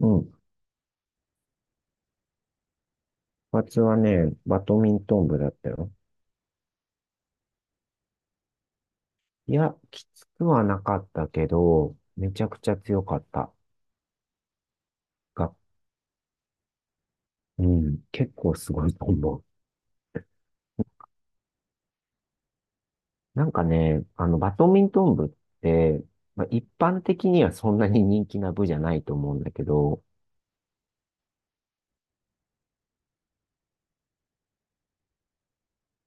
うん。部活はね、バドミントン部だったよ。いや、きつくはなかったけど、めちゃくちゃ強かった。が、うん、結構すごいと思う。なんかね、バドミントン部って、まあ、一般的にはそんなに人気な部じゃないと思うんだけど、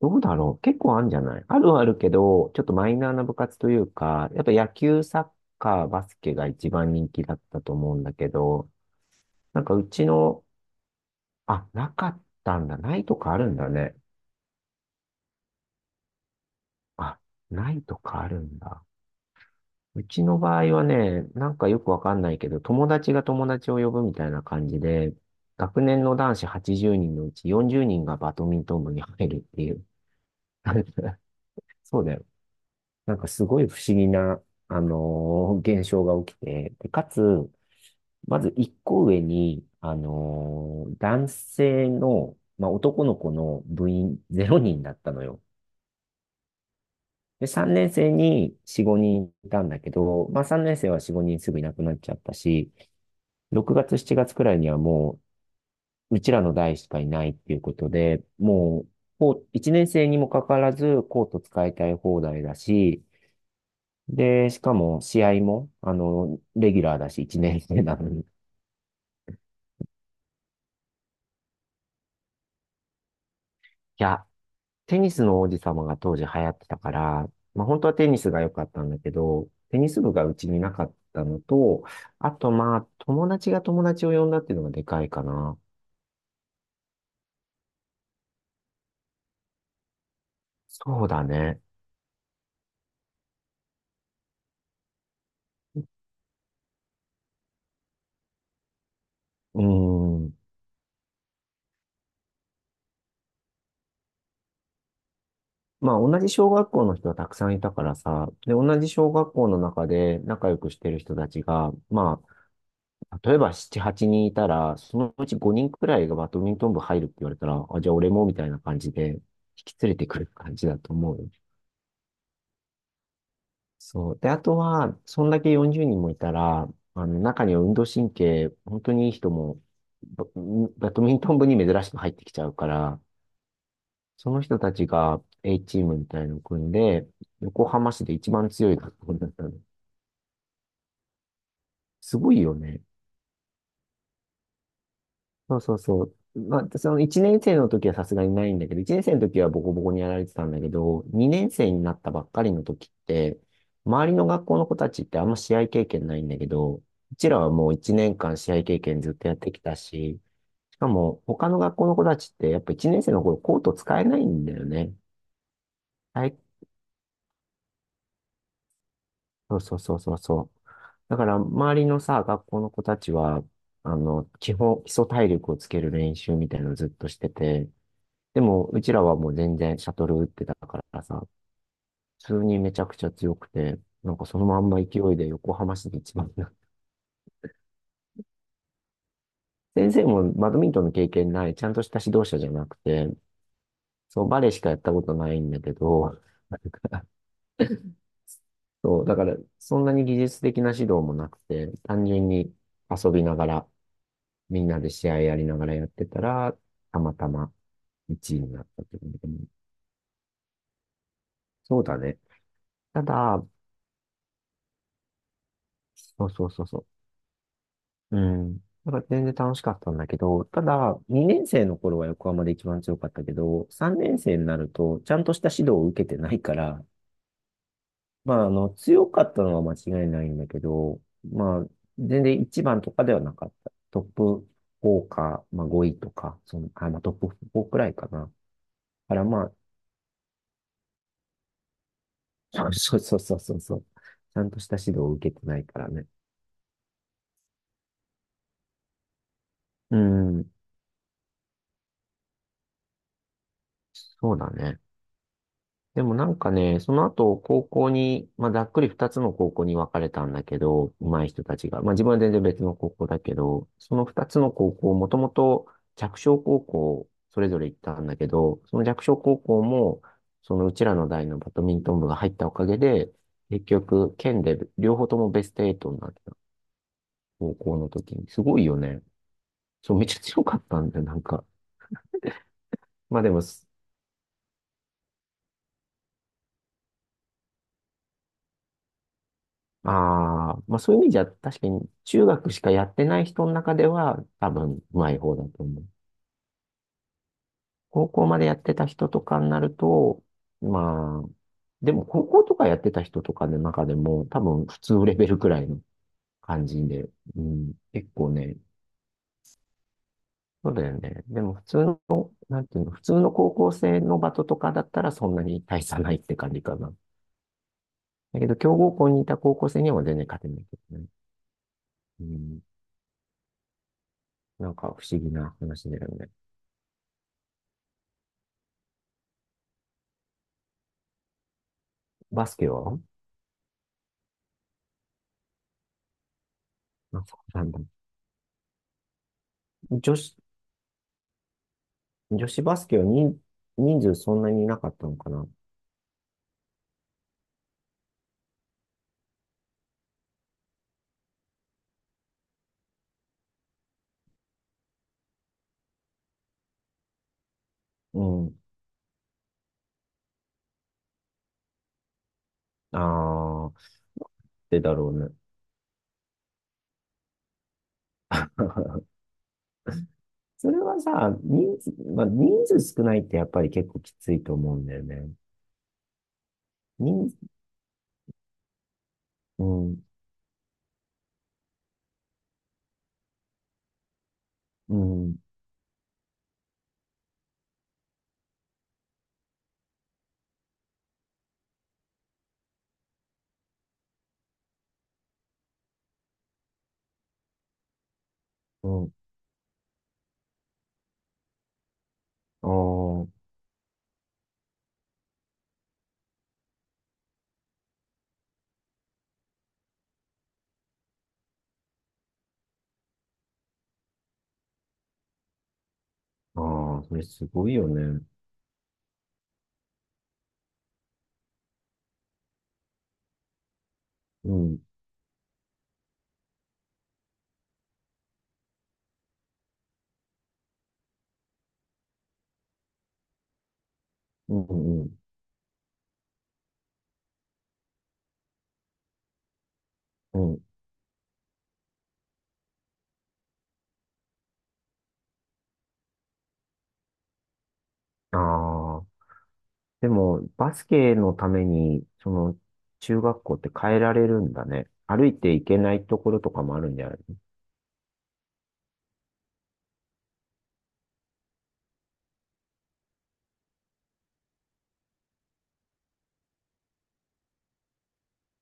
どうだろう、結構あるんじゃない、あるはあるけど、ちょっとマイナーな部活というか、やっぱ野球、サッカー、バスケが一番人気だったと思うんだけど、なんかうちの、あ、なかったんだ。ないとかあるんだね。あ、ないとかあるんだ。うちの場合はね、なんかよくわかんないけど、友達が友達を呼ぶみたいな感じで、学年の男子80人のうち40人がバドミントン部に入るっていう。そうだよ。なんかすごい不思議な、現象が起きて、で、かつ、まず一個上に、男性の、まあ、男の子の部員0人だったのよ。で、3年生に4、5人いたんだけど、まあ3年生は4、5人すぐいなくなっちゃったし、6月、7月くらいにはもう、うちらの代しかいないっていうことで、もう、こう1年生にもかかわらず、コート使いたい放題だし、で、しかも試合も、レギュラーだし、1年生なのに。いや、テニスの王子様が当時流行ってたから、まあ本当はテニスが良かったんだけど、テニス部がうちになかったのと、あとまあ友達が友達を呼んだっていうのがでかいかな。そうだね。うーん。まあ同じ小学校の人はたくさんいたからさ、で、同じ小学校の中で仲良くしてる人たちが、まあ、例えば7、8人いたら、そのうち5人くらいがバドミントン部入るって言われたら、あ、じゃあ俺もみたいな感じで引き連れてくる感じだと思うよ。そう。で、あとは、そんだけ40人もいたら、中には運動神経、本当にいい人も、バ、バドミントン部に珍しく入ってきちゃうから、その人たちが A チームみたいのを組んで、横浜市で一番強い学校になったの。すごいよね。そうそうそう。まあ、その1年生の時はさすがにないんだけど、1年生の時はボコボコにやられてたんだけど、2年生になったばっかりの時って、周りの学校の子たちってあんま試合経験ないんだけど、うちらはもう1年間試合経験ずっとやってきたし、しかも他の学校の子たちってやっぱ1年生の頃コート使えないんだよね。はい。そうそうそうそうそう。だから周りのさ、学校の子たちは、基本、基礎体力をつける練習みたいなのをずっとしてて、でも、うちらはもう全然シャトル打ってたからさ、普通にめちゃくちゃ強くて、なんかそのまんま勢いで横浜市で一番になって、先生もバドミントンの経験ない、ちゃんとした指導者じゃなくて、そう、バレーしかやったことないんだけど、なんかそう、だから、そんなに技術的な指導もなくて、単純に遊びながら、みんなで試合やりながらやってたら、たまたま1位になったってことでね。そうだね。ただ、そうそうそうそう。うん。だから全然楽しかったんだけど、ただ、2年生の頃は横浜で一番強かったけど、3年生になると、ちゃんとした指導を受けてないから、まあ、強かったのは間違いないんだけど、まあ、全然一番とかではなかった。トップ4か、まあ5位とか、その、あ、まあトップ4くらいかな。だからまあ、そうそうそうそうそう。ちゃんとした指導を受けてないからね。うん、そうだね。でもなんかね、その後、高校に、まあ、ざっくり二つの高校に分かれたんだけど、上手い人たちが。まあ、自分は全然別の高校だけど、その二つの高校、もともと弱小高校、それぞれ行ったんだけど、その弱小高校も、そのうちらの代のバドミントン部が入ったおかげで、結局、県で両方ともベスト8になってた。高校の時に。すごいよね。そう、めちゃ強かったんだよ、なんか。まあでも、ああ、まあそういう意味じゃ確かに中学しかやってない人の中では多分うまい方だと思う。高校までやってた人とかになると、まあ、でも高校とかやってた人とかの中でも多分普通レベルくらいの感じで、うん、結構ね、そうだよね。でも普通の、なんていうの、普通の高校生のバトとかだったらそんなに大差ないって感じかな。だけど強豪校にいた高校生には全然勝てないけどね。うん、なんか不思議な話だよね。バスケは、あ、そうなんだ。女子、女子バスケは人数そんなにいなかったのかな。うん。ああ、でだろうね。それはさ、人数、まあ、人数少ないってやっぱり結構きついと思うんだよね。人、うん、うん、うん。ああ、ああ、それすごいよね。うん、うん、うん、うん。ああ、でも、バスケのために、その、中学校って変えられるんだね。歩いていけないところとかもあるんじゃない？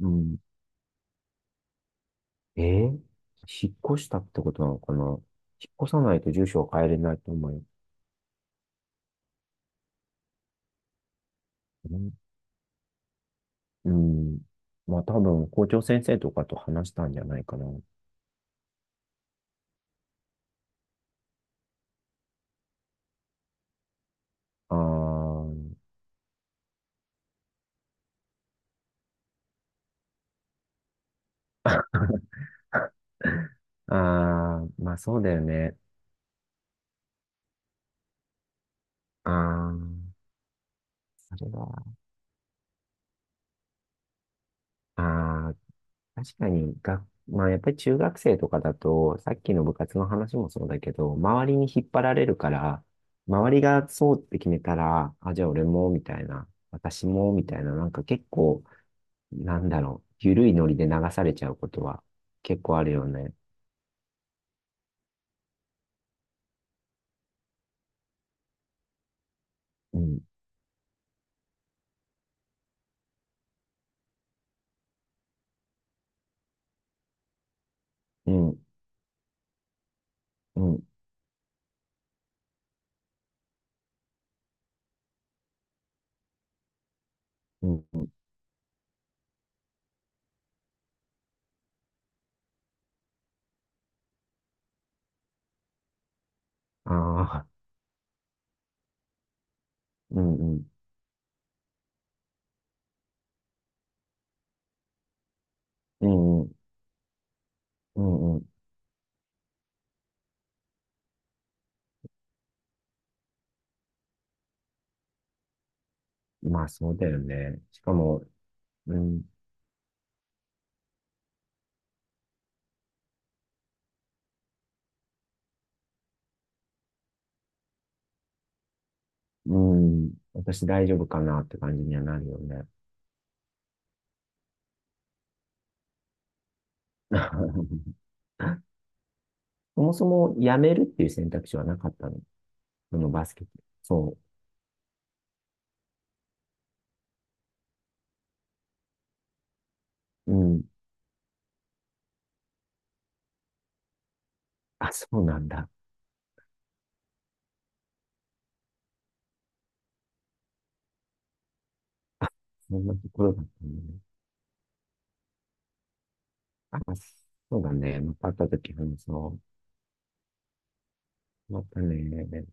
うん。えー、引っ越したってことなのかな。引っ越さないと住所を変えれないと思うよ。うん。うん。まあ多分、校長先生とかと話したんじゃないかな。あー。あー、まあそうだよね。あー、それは、あー、確かに、まあやっぱり中学生とかだと、さっきの部活の話もそうだけど、周りに引っ張られるから、周りがそうって決めたら、あ、じゃあ俺も、みたいな、私も、みたいな、なんか結構、なんだろう、緩いノリで流されちゃうことは結構あるよね。うん、うん、うん、うん、うん。ああ、うん、うん、うん、うん、うん。うん。まあそうだよね。しかも、うん、うん、私大丈夫かなって感じにはなるよね。そもそも辞めるっていう選択肢はなかったの？そのバスケット。そう。うん。あ、そうなんだ。あ、そんなところだったんだね。あ、そうだね。また会った時話そう。またね。